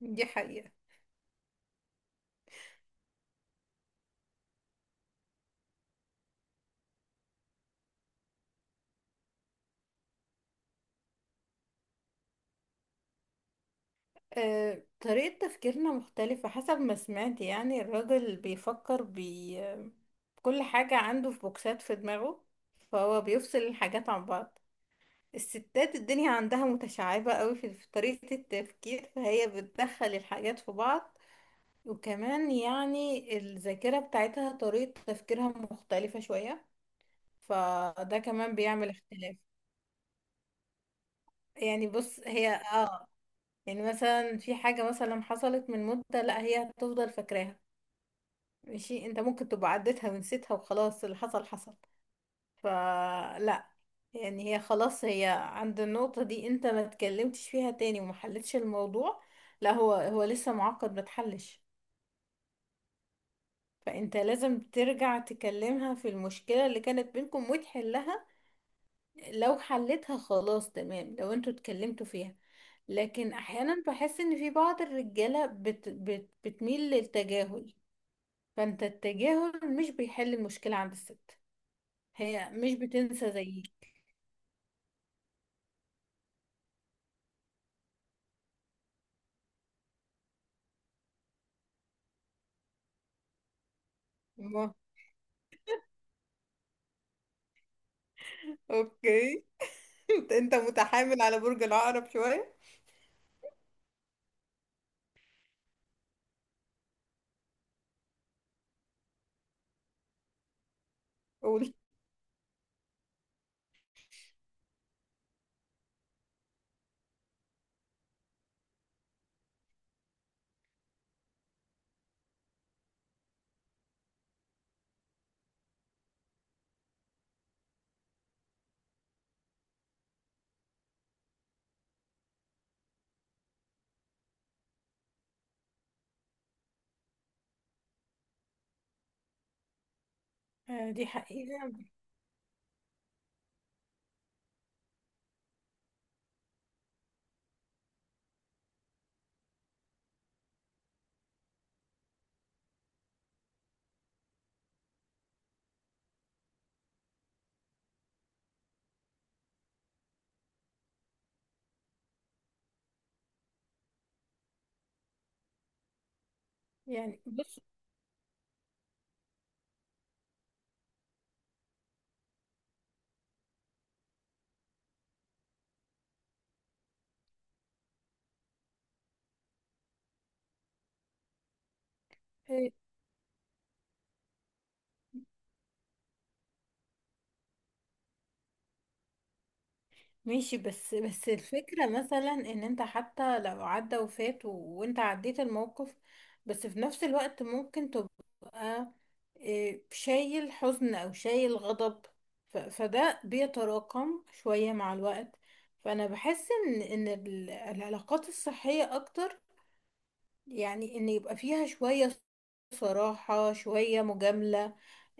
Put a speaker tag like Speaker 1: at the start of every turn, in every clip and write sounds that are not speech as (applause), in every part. Speaker 1: دي حقيقة. طريقة تفكيرنا مختلفة، حسب ما سمعت. يعني الراجل بيفكر، بي كل حاجة عنده في بوكسات في دماغه، فهو بيفصل الحاجات عن بعض. الستات الدنيا عندها متشعبة قوي في طريقة التفكير، فهي بتدخل الحاجات في بعض. وكمان يعني الذاكرة بتاعتها طريقة تفكيرها مختلفة شوية، فده كمان بيعمل اختلاف. يعني بص هي، يعني مثلا في حاجة مثلا حصلت من مدة، لا هي هتفضل فاكراها. ماشي، انت ممكن تبقى عديتها ونسيتها وخلاص اللي حصل حصل، فلا. يعني هي خلاص، هي عند النقطة دي، انت ما اتكلمتش فيها تاني وما حلتش الموضوع، لا هو لسه معقد ما اتحلش. فانت لازم ترجع تكلمها في المشكلة اللي كانت بينكم وتحلها. لو حلتها خلاص تمام، لو انتوا اتكلمتوا فيها. لكن احيانا بحس ان في بعض الرجاله بت بت بتميل للتجاهل. فانت التجاهل مش بيحل المشكلة عند الست، هي مش بتنسى زيك. الله. اوكي. (laughs) انت متحامل على برج العقرب شوية. قول. دي حقيقة. يعني بص، آه، ماشي. بس الفكرة مثلا ان انت حتى لو عدى وفات وانت عديت الموقف، بس في نفس الوقت ممكن تبقى إيه، شايل حزن او شايل غضب. فده بيتراكم شوية مع الوقت. فانا بحس ان العلاقات الصحية اكتر، يعني ان يبقى فيها شوية صراحة، شوية مجاملة.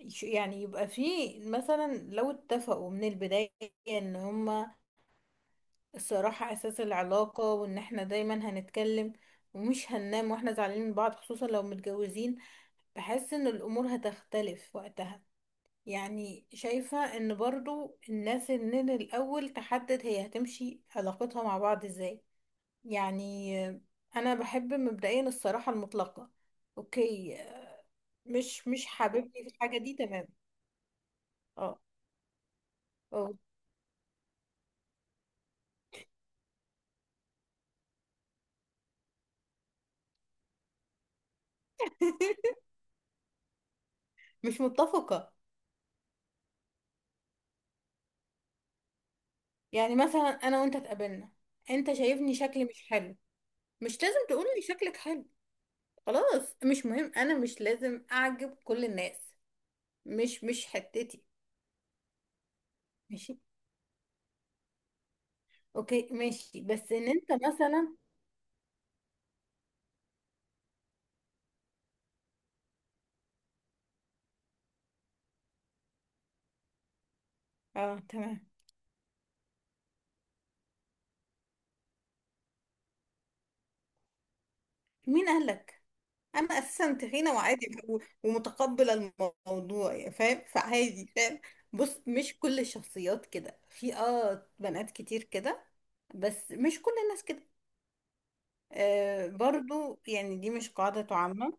Speaker 1: يعني يبقى فيه مثلا لو اتفقوا من البداية ان هما الصراحة أساس العلاقة، وإن احنا دايما هنتكلم ومش هننام واحنا زعلانين من بعض، خصوصا لو متجوزين. بحس إن الأمور هتختلف وقتها. يعني شايفة إن برضو الناس من الأول تحدد هي هتمشي علاقتها مع بعض إزاي. يعني أنا بحب مبدئيا الصراحة المطلقة. أوكي. مش حاببني في الحاجة دي، تمام. اه، اه. (laughs) مش متفقة. يعني مثلا أنا وأنت اتقابلنا، أنت شايفني شكلي مش حلو، مش لازم تقولي شكلك حلو، خلاص مش مهم، انا مش لازم اعجب كل الناس، مش حتتي. ماشي. اوكي، ماشي، بس ان انت مثلا، اه تمام. مين قالك؟ انا اساسا تخينه وعادي ومتقبله الموضوع، يعني فاهم، فعادي فاهم. بص، مش كل الشخصيات كده، في بنات كتير كده، بس مش كل الناس كده. آه، برضو يعني دي مش قاعده عامه.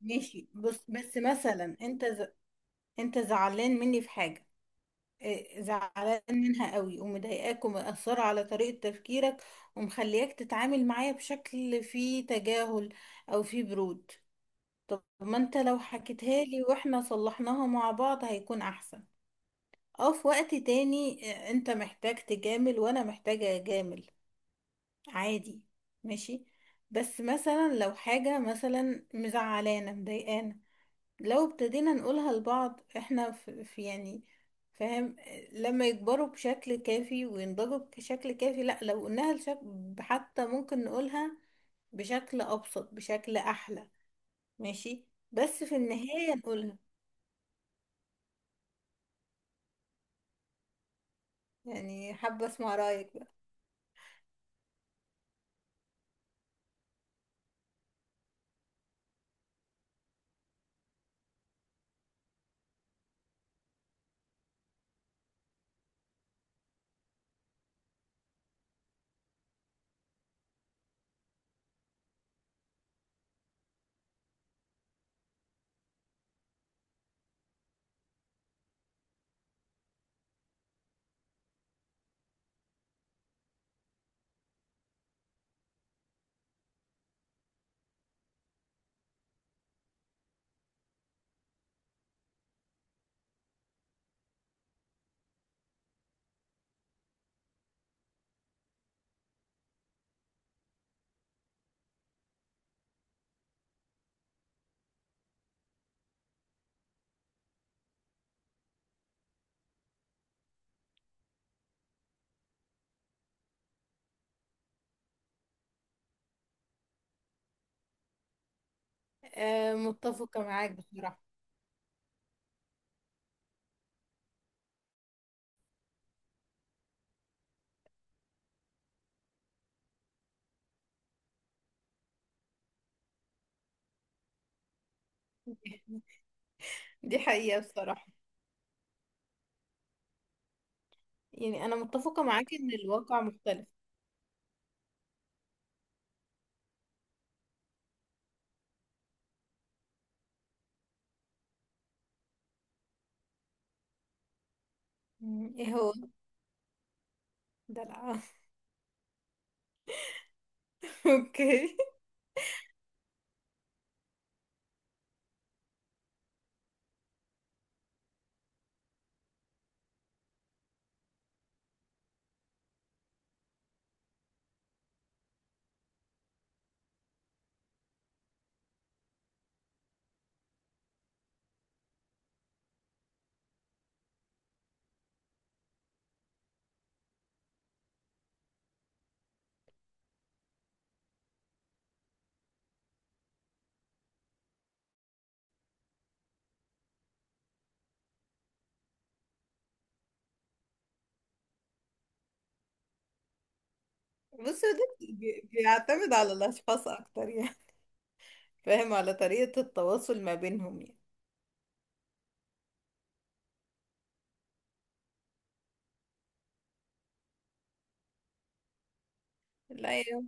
Speaker 1: ماشي. بص، بس مثلا انت انت زعلان مني في حاجه، زعلان منها قوي، ومضايقاك، ومأثرة على طريقة تفكيرك، ومخلياك تتعامل معايا بشكل فيه تجاهل أو فيه برود. طب ما انت لو حكيتها لي واحنا صلحناها مع بعض هيكون أحسن. اه، في وقت تاني انت محتاج تجامل وانا محتاجة اجامل، عادي، ماشي. بس مثلا لو حاجة مثلا مزعلانة مضايقانا، لو ابتدينا نقولها لبعض احنا في يعني، فاهم، لما يكبروا بشكل كافي وينضجوا بشكل كافي. لا، لو قلناها لشكل حتى ممكن نقولها بشكل ابسط، بشكل احلى. ماشي. بس في النهاية نقولها، يعني حابة اسمع رأيك بقى. أه متفقة معاك بصراحة. (laughs) دي حقيقة بصراحة. يعني انا متفقة معاك ان الواقع مختلف. مم، ايه هو؟ دلع. (laughs) اوكي. بص هو ده بيعتمد على الاشخاص اكتر، يعني فاهم، على طريقة التواصل ما بينهم، يعني. لا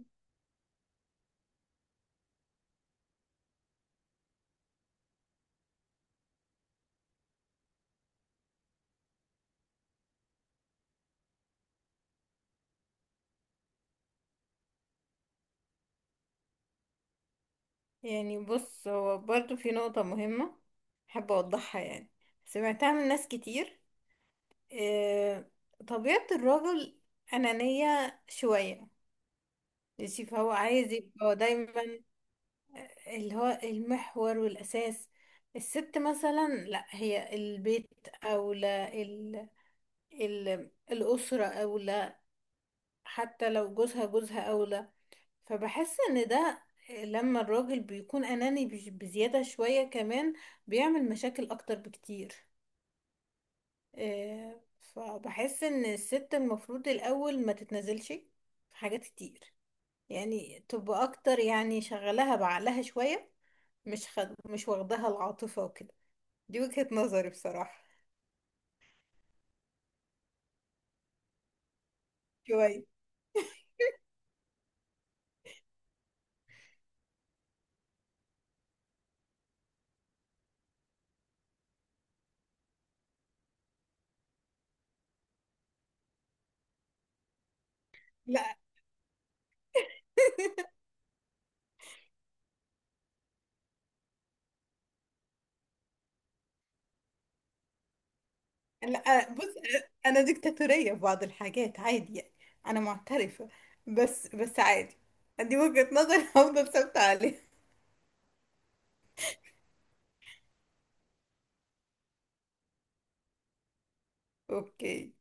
Speaker 1: يعني بص، هو برضو في نقطة مهمة حابة أوضحها، يعني سمعتها من ناس كتير. آه، طبيعة الراجل أنانية شوية. ماشي، فهو عايز يبقى دايما اللي هو المحور والأساس. الست مثلا لا، هي البيت أولى، الأسرة أولى، حتى لو جوزها، جوزها أولى. فبحس ان ده لما الراجل بيكون اناني بزيادة شوية كمان بيعمل مشاكل اكتر بكتير. فبحس ان الست المفروض الاول ما تتنازلش في حاجات كتير، يعني تبقى اكتر، يعني شغلها بعقلها شوية، مش مش واخدها العاطفة وكده. دي وجهة نظري بصراحة. شوية. لا، (laughs) لا، بص، انا ديكتاتورية في بعض الحاجات، عادي يعني، انا معترفة. بس عادي، دي وجهة نظر. (laughs) هفضل ثابتة عليها. اوكي.